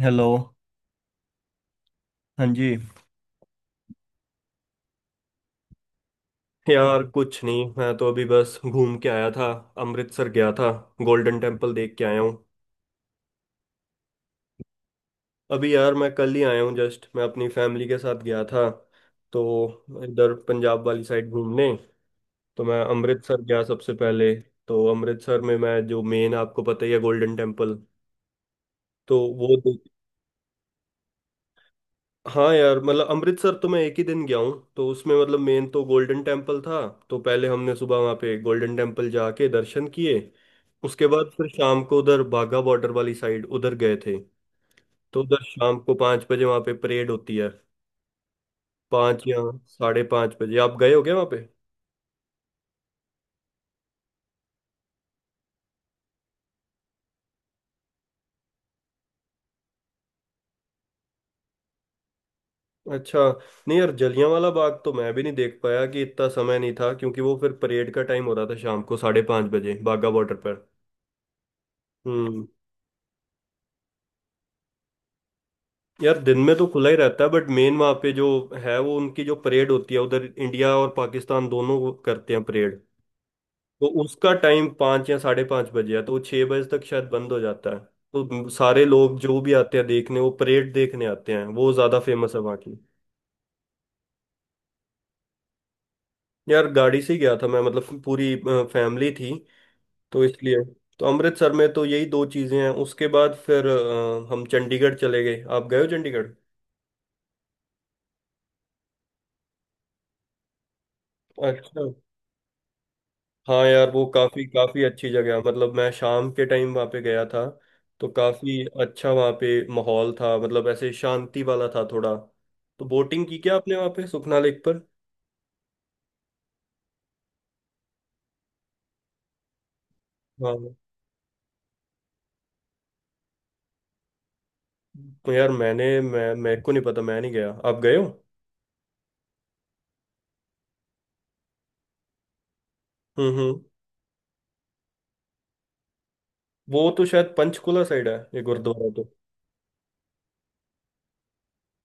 Hello. हाँ जी। यार कुछ नहीं, मैं तो अभी बस घूम के आया था। अमृतसर गया था। गोल्डन टेम्पल देख के आया हूँ। अभी यार मैं कल ही आया हूँ, जस्ट मैं अपनी फैमिली के साथ गया था तो इधर पंजाब वाली साइड घूमने। तो मैं अमृतसर गया सबसे पहले। तो अमृतसर में मैं जो मेन, आपको पता ही है, गोल्डन टेम्पल, तो वो। हाँ यार मतलब अमृतसर तो मैं एक ही दिन गया हूँ, तो उसमें मतलब मेन तो गोल्डन टेम्पल था। तो पहले हमने सुबह वहाँ पे गोल्डन टेम्पल जाके दर्शन किए। उसके बाद फिर शाम को उधर बाघा बॉर्डर वाली साइड उधर गए थे। तो उधर शाम को 5 बजे वहाँ पे परेड होती है। 5 या 5:30 बजे आप गए हो क्या वहाँ पे? अच्छा। नहीं यार जलियांवाला बाग तो मैं भी नहीं देख पाया कि इतना समय नहीं था क्योंकि वो फिर परेड का टाइम हो रहा था शाम को 5:30 बजे बाघा बॉर्डर पर। हम्म। यार दिन में तो खुला ही रहता है बट मेन वहाँ पे जो है वो उनकी जो परेड होती है, उधर इंडिया और पाकिस्तान दोनों वो करते हैं परेड। तो उसका टाइम 5 या 5:30 बजे है, तो वो 6 बजे तक शायद बंद हो जाता है। तो सारे लोग जो भी आते हैं देखने, वो परेड देखने आते हैं, वो ज़्यादा फेमस है वहाँ की। यार गाड़ी से ही गया था मैं, मतलब पूरी फैमिली थी तो इसलिए। तो अमृतसर में तो यही दो चीज़ें हैं, उसके बाद फिर हम चंडीगढ़ चले गए। आप गए हो चंडीगढ़? अच्छा। हाँ यार वो काफी काफी अच्छी जगह है। मतलब मैं शाम के टाइम वहाँ पे गया था। तो काफी अच्छा वहाँ पे माहौल था, मतलब ऐसे शांति वाला था थोड़ा। तो बोटिंग की क्या आपने वहाँ पे सुखना लेक पर? हाँ। तो यार मैंने, मैं मेरे को नहीं पता, मैं नहीं गया, आप गए हो? हम्म। वो तो शायद पंचकुला साइड है ये गुरुद्वारा तो।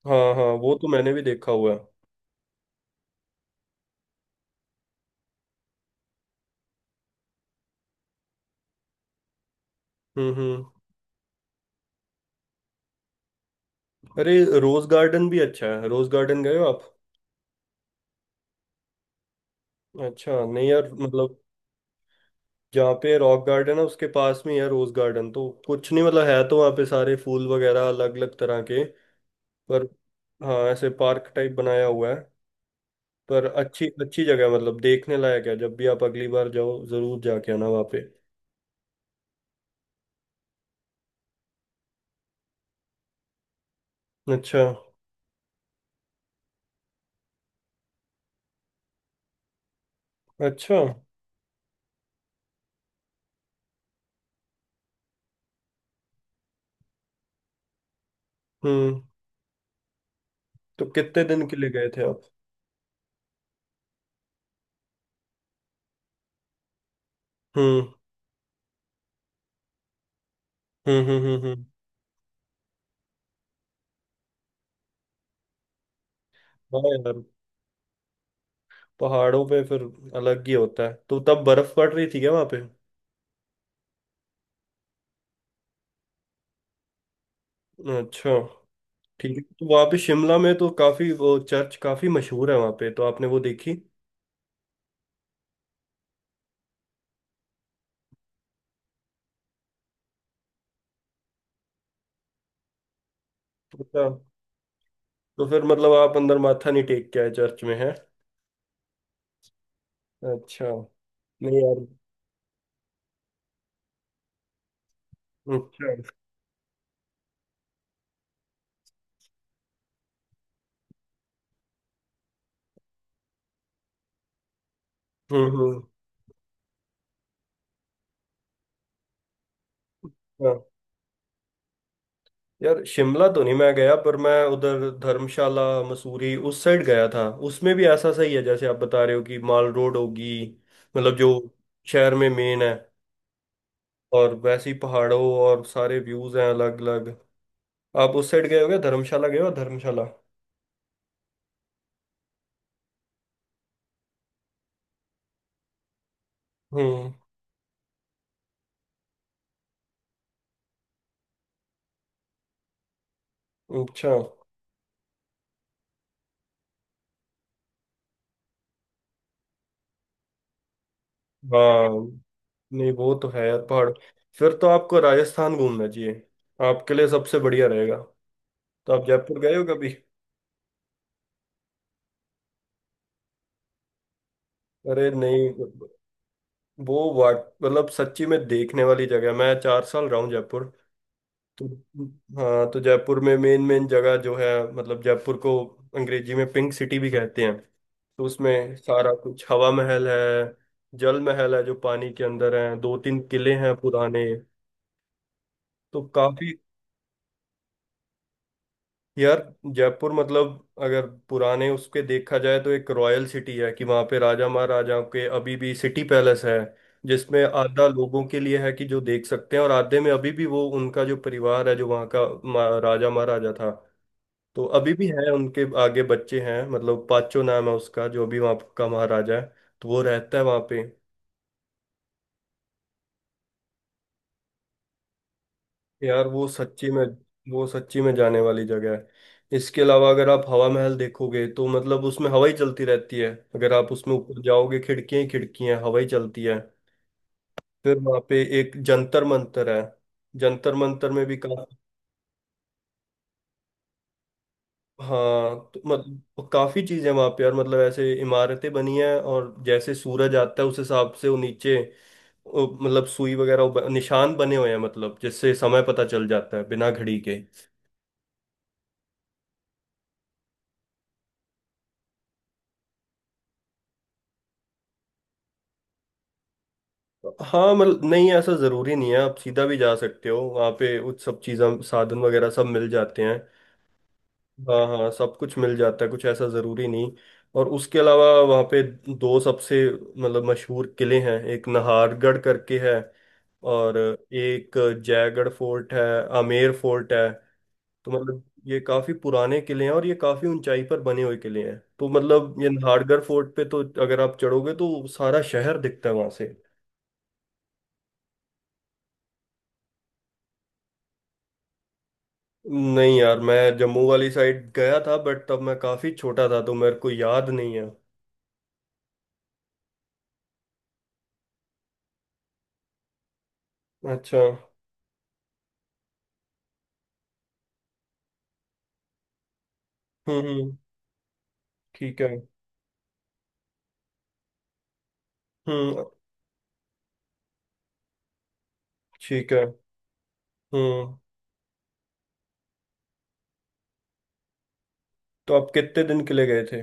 हाँ हाँ वो तो मैंने भी देखा हुआ है। हम्म। अरे, रोज गार्डन भी अच्छा है, रोज गार्डन गए हो आप? अच्छा नहीं यार, मतलब जहाँ पे रॉक गार्डन है उसके पास में ही है रोज गार्डन, तो कुछ नहीं मतलब, है तो वहाँ पे सारे फूल वगैरह अलग अलग तरह के। पर हाँ, ऐसे पार्क टाइप बनाया हुआ है। पर अच्छी अच्छी जगह है, मतलब देखने लायक है, जब भी आप अगली बार जाओ जरूर जाके आना वहाँ पे। अच्छा। अच्छा। हम्म। तो कितने दिन के लिए गए थे आप? हम्म हम्म हम्म हम्म हम्म। हाँ यार पहाड़ों पे फिर अलग ही होता है। तो तब बर्फ पड़ रही थी क्या वहाँ पे? अच्छा। ठीक है, तो वहाँ पे शिमला में तो काफी वो चर्च काफी मशहूर है वहाँ पे, तो आपने वो देखी? अच्छा। तो फिर मतलब आप अंदर माथा नहीं टेक के आए, चर्च में है? अच्छा। नहीं यार। अच्छा। हम्म। हाँ यार शिमला तो नहीं मैं गया, पर मैं उधर धर्मशाला मसूरी उस साइड गया था। उसमें भी ऐसा सही है जैसे आप बता रहे हो कि माल रोड होगी, मतलब जो शहर में मेन है। और वैसे ही पहाड़ों और सारे व्यूज हैं अलग अलग। आप उस साइड गए हो क्या? धर्मशाला गए हो धर्मशाला? हम्म। अच्छा। हाँ, नहीं वो तो है यार पहाड़। फिर तो आपको राजस्थान घूमना चाहिए, आपके लिए सबसे बढ़िया रहेगा। तो आप जयपुर गए हो कभी? अरे नहीं। वो वाट, मतलब सच्ची में देखने वाली जगह है। मैं 4 साल रहा हूँ जयपुर। तो हाँ, तो जयपुर में मेन मेन जगह जो है, मतलब जयपुर को अंग्रेजी में पिंक सिटी भी कहते हैं। तो उसमें सारा कुछ हवा महल है, जल महल है जो पानी के अंदर है, दो तीन किले हैं पुराने। तो काफी। यार जयपुर मतलब अगर पुराने उसके देखा जाए तो एक रॉयल सिटी है कि वहाँ पे राजा महाराजाओं के अभी भी सिटी पैलेस है, जिसमें आधा लोगों के लिए है कि जो देख सकते हैं और आधे में अभी भी वो उनका जो परिवार है जो वहाँ का राजा महाराजा था। तो अभी भी है, उनके आगे बच्चे हैं, मतलब पाचो नाम है उसका जो अभी वहाँ का महाराजा है। तो वो रहता है वहाँ पे। यार वो सच्ची में, वो सच्ची में जाने वाली जगह है। इसके अलावा अगर आप हवा महल देखोगे तो मतलब उसमें हवा ही चलती रहती है, अगर आप उसमें ऊपर जाओगे खिड़कियां ही खिड़कियां हैं, हवा ही चलती है। फिर वहाँ पे एक जंतर मंतर है, जंतर मंतर में भी काफी। हाँ, तो मतलब काफी चीजें वहाँ पे यार, मतलब ऐसे इमारतें बनी हैं और जैसे सूरज आता है उस हिसाब से वो नीचे वो मतलब सुई वगैरह वो निशान बने हुए हैं, मतलब जिससे समय पता चल जाता है बिना घड़ी के। हाँ मतलब नहीं ऐसा जरूरी नहीं है, आप सीधा भी जा सकते हो वहाँ पे, उस सब चीज़ें साधन वगैरह सब मिल जाते हैं। हाँ हाँ सब कुछ मिल जाता है, कुछ ऐसा जरूरी नहीं। और उसके अलावा वहाँ पे दो सबसे मतलब मशहूर किले हैं, एक नाहरगढ़ करके है और एक जयगढ़ फोर्ट है, आमेर फोर्ट है। तो मतलब ये काफी पुराने किले हैं और ये काफी ऊंचाई पर बने हुए किले हैं, तो मतलब ये नाहरगढ़ फोर्ट पे तो अगर आप चढ़ोगे तो सारा शहर दिखता है वहां से। नहीं यार मैं जम्मू वाली साइड गया था बट तब मैं काफी छोटा था तो मेरे को याद नहीं है। अच्छा। हम्म हम्म, ठीक है। हम्म। ठीक है। हम्म। तो आप कितने दिन के लिए गए थे?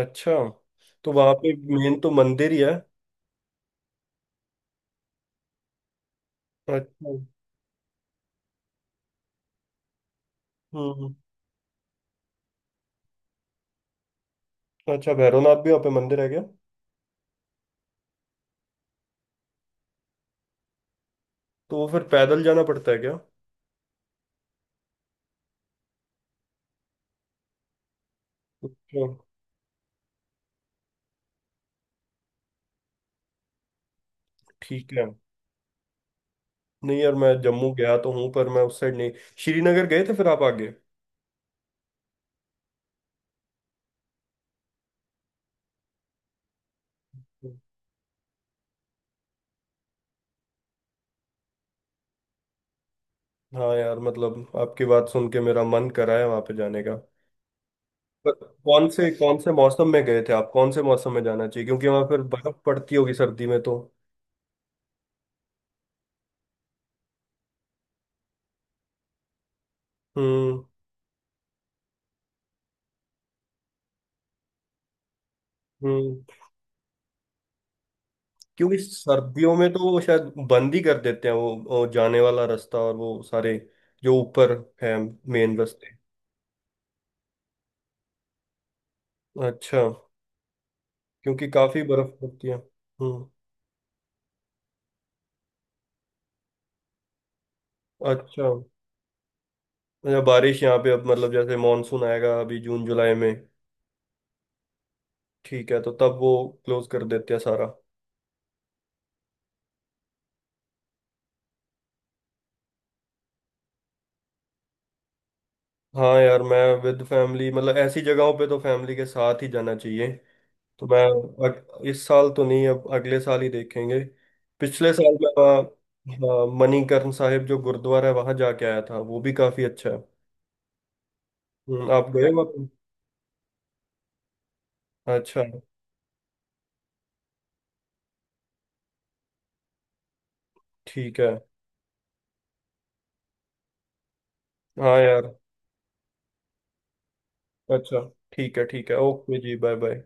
अच्छा। तो वहां पे मेन तो मंदिर ही है। अच्छा। हम्म। अच्छा, भैरवनाथ भी वहाँ पे मंदिर है क्या? तो वो फिर पैदल जाना पड़ता है क्या? अच्छा। ठीक है। नहीं यार मैं जम्मू गया तो हूँ पर मैं उस साइड नहीं। श्रीनगर गए थे फिर आप आगे? हाँ यार, मतलब आपकी बात सुन के मेरा मन करा है वहां पे जाने का। पर कौन से मौसम में गए थे आप, कौन से मौसम में जाना चाहिए, क्योंकि वहां पर बर्फ पड़ती होगी सर्दी में तो। हम्म हम्म। क्योंकि सर्दियों में तो वो शायद बंद ही कर देते हैं वो जाने वाला रास्ता और वो सारे जो ऊपर है मेन रास्ते। अच्छा। क्योंकि काफी बर्फ पड़ती है। हम्म। अच्छा। अच्छा, बारिश यहाँ पे अब मतलब जैसे मानसून आएगा अभी जून जुलाई में। ठीक है, तो तब वो क्लोज कर देते हैं सारा। हाँ यार मैं विद फैमिली, मतलब ऐसी जगहों पे तो फैमिली के साथ ही जाना चाहिए। तो मैं इस साल तो नहीं, अब अगले साल ही देखेंगे। पिछले साल मैं वहाँ हाँ, मणिकर्ण साहिब जो गुरुद्वारा है वहाँ जाके आया था, वो भी काफी अच्छा है। आप गए हो आप? अच्छा। ठीक है। हाँ यार। अच्छा। ठीक है ठीक है, ओके जी, बाय बाय।